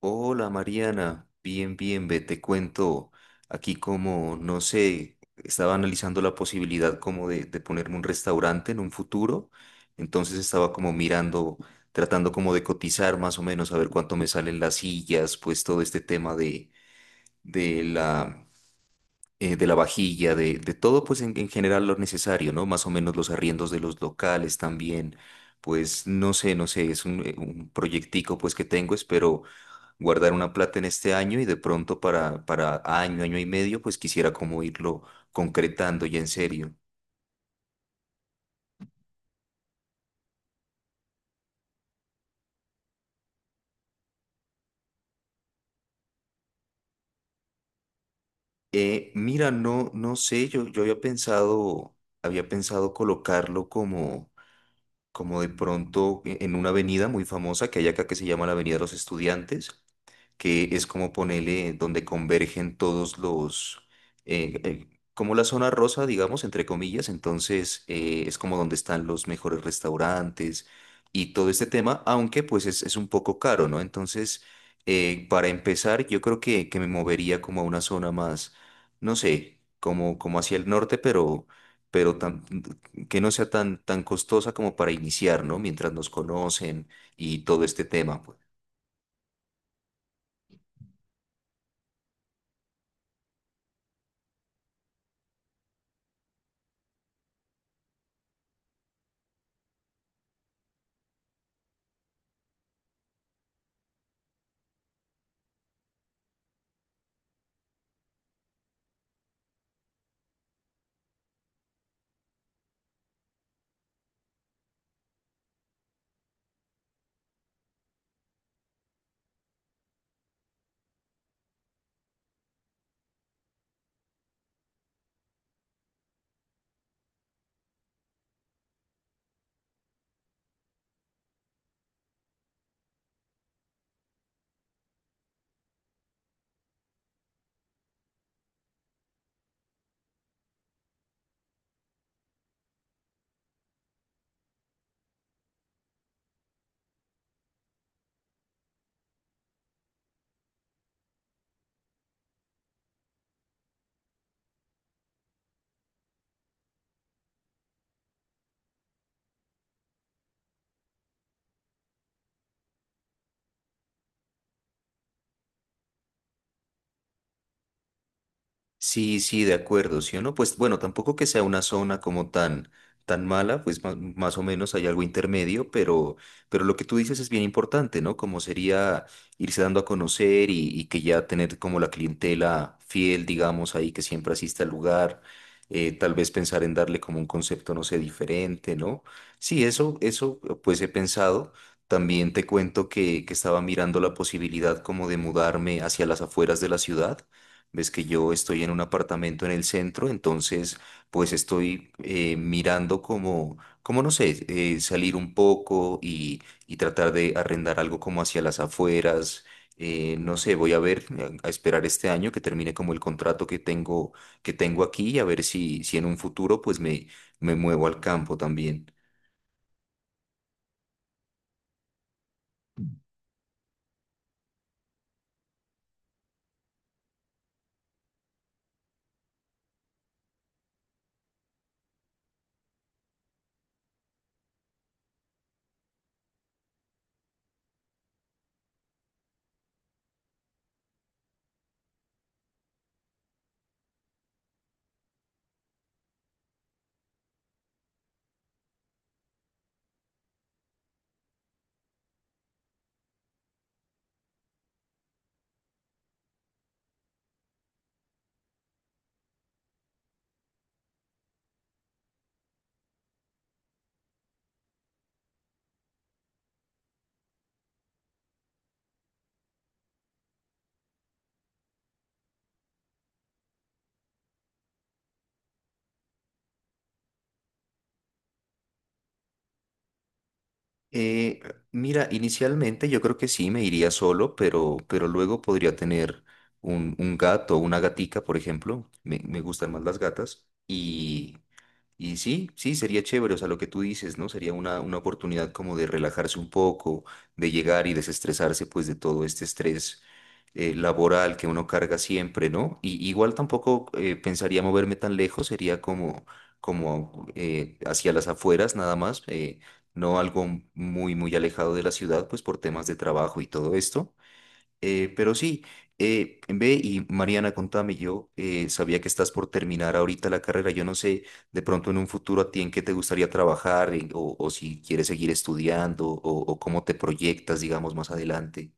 Hola Mariana, bien, bien, ve, te cuento aquí como, no sé, estaba analizando la posibilidad como de ponerme un restaurante en un futuro, entonces estaba como mirando, tratando como de cotizar más o menos, a ver cuánto me salen las sillas, pues todo este tema de la, de la vajilla, de todo pues en general lo necesario, ¿no? Más o menos los arriendos de los locales también, pues no sé, no sé, es un proyectico pues que tengo, espero guardar una plata en este año y de pronto para año, año y medio, pues quisiera como irlo concretando y en serio. Mira, no, no sé, yo había pensado colocarlo como, como de pronto en una avenida muy famosa que hay acá que se llama la Avenida de los Estudiantes, que es como ponerle donde convergen todos los, eh, eh, como la zona rosa, digamos, entre comillas, entonces es como donde están los mejores restaurantes y todo este tema, aunque pues es un poco caro, ¿no? Entonces, para empezar, yo creo que me movería como a una zona más, no sé, como, como hacia el norte, pero pero tan- que no sea tan, tan costosa como para iniciar, ¿no? Mientras nos conocen y todo este tema, pues. Sí, sí, de acuerdo, ¿sí o no? Pues bueno, tampoco que sea una zona como tan, tan mala, pues más o menos hay algo intermedio, pero lo que tú dices es bien importante, ¿no? Como sería irse dando a conocer y que ya tener como la clientela fiel, digamos, ahí que siempre asiste al lugar. Tal vez pensar en darle como un concepto, no sé, diferente, ¿no? Sí, eso pues he pensado. También te cuento que estaba mirando la posibilidad como de mudarme hacia las afueras de la ciudad. Ves que yo estoy en un apartamento en el centro, entonces pues estoy mirando como, como no sé, salir un poco y tratar de arrendar algo como hacia las afueras. No sé, voy a ver, a esperar este año que termine como el contrato que tengo aquí y a ver si, si en un futuro me muevo al campo también. Eh, Mira, inicialmente yo creo que sí me iría solo, pero luego podría tener un gato o una gatica, por ejemplo. Me gustan más las gatas. Y sí, sí, sería chévere, o sea, lo que tú dices, ¿no? Sería una oportunidad como de relajarse un poco, de llegar y desestresarse pues de todo este estrés laboral que uno carga siempre, ¿no? Y igual tampoco pensaría moverme tan lejos, sería como, como hacia las afueras nada más, no algo muy, muy alejado de la ciudad, pues por temas de trabajo y todo esto. Pero sí, ve y Mariana, contame, yo sabía que estás por terminar ahorita la carrera. Yo no sé de pronto en un futuro a ti en qué te gustaría trabajar o si quieres seguir estudiando o cómo te proyectas, digamos, más adelante.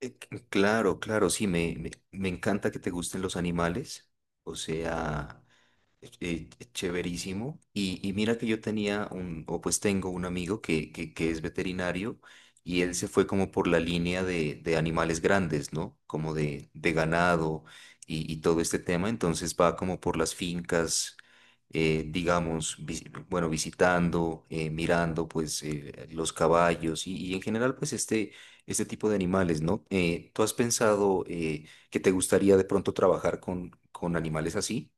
Claro, claro, sí, me encanta que te gusten los animales. O sea, chéverísimo. Y mira que yo tenía un, o pues tengo un amigo que es veterinario y él se fue como por la línea de animales grandes, ¿no? Como de ganado y todo este tema. Entonces va como por las fincas, digamos, bueno, visitando, mirando pues los caballos y en general pues este tipo de animales, ¿no? ¿Tú has pensado que te gustaría de pronto trabajar con animales así?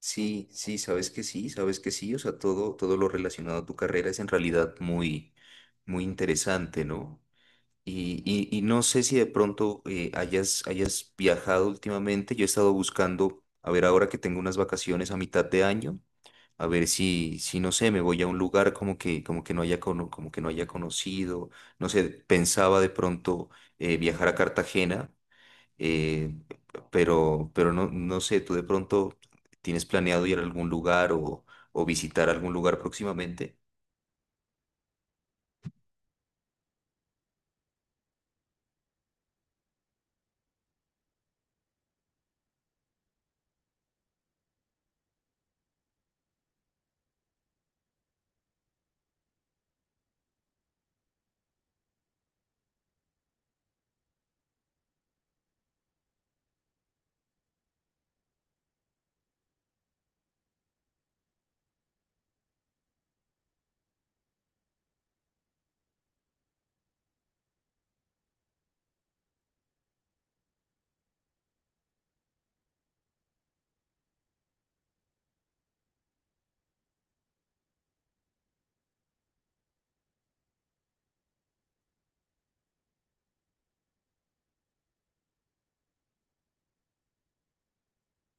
Sí, sí, sabes que sí, sabes que sí, o sea, todo, todo lo relacionado a tu carrera es en realidad muy, muy interesante, ¿no? Y no sé si de pronto hayas, hayas viajado últimamente. Yo he estado buscando, a ver, ahora que tengo unas vacaciones a mitad de año, a ver si, si no sé, me voy a un lugar como que no haya, como que no haya conocido, no sé, pensaba de pronto viajar a Cartagena, eh, pero no, no sé, tú de pronto tienes planeado ir a algún lugar o visitar algún lugar próximamente.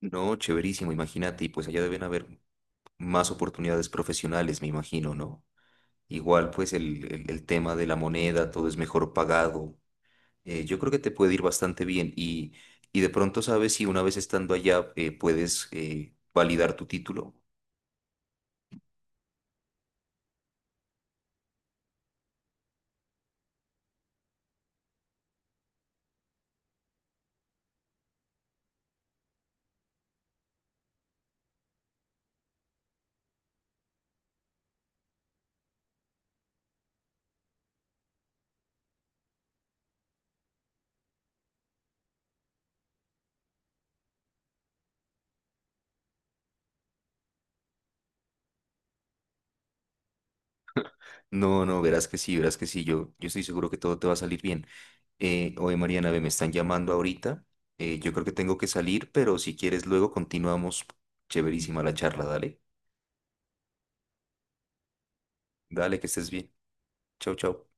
No, chéverísimo, imagínate, y pues allá deben haber más oportunidades profesionales, me imagino, ¿no? Igual pues el tema de la moneda, todo es mejor pagado. Yo creo que te puede ir bastante bien y de pronto sabes si una vez estando allá puedes validar tu título. No, no, verás que sí, yo estoy seguro que todo te va a salir bien. Oye, Mariana, ve, me están llamando ahorita. Yo creo que tengo que salir, pero si quieres luego continuamos. Chéverísima la charla, dale. Dale, que estés bien. Chau, chau.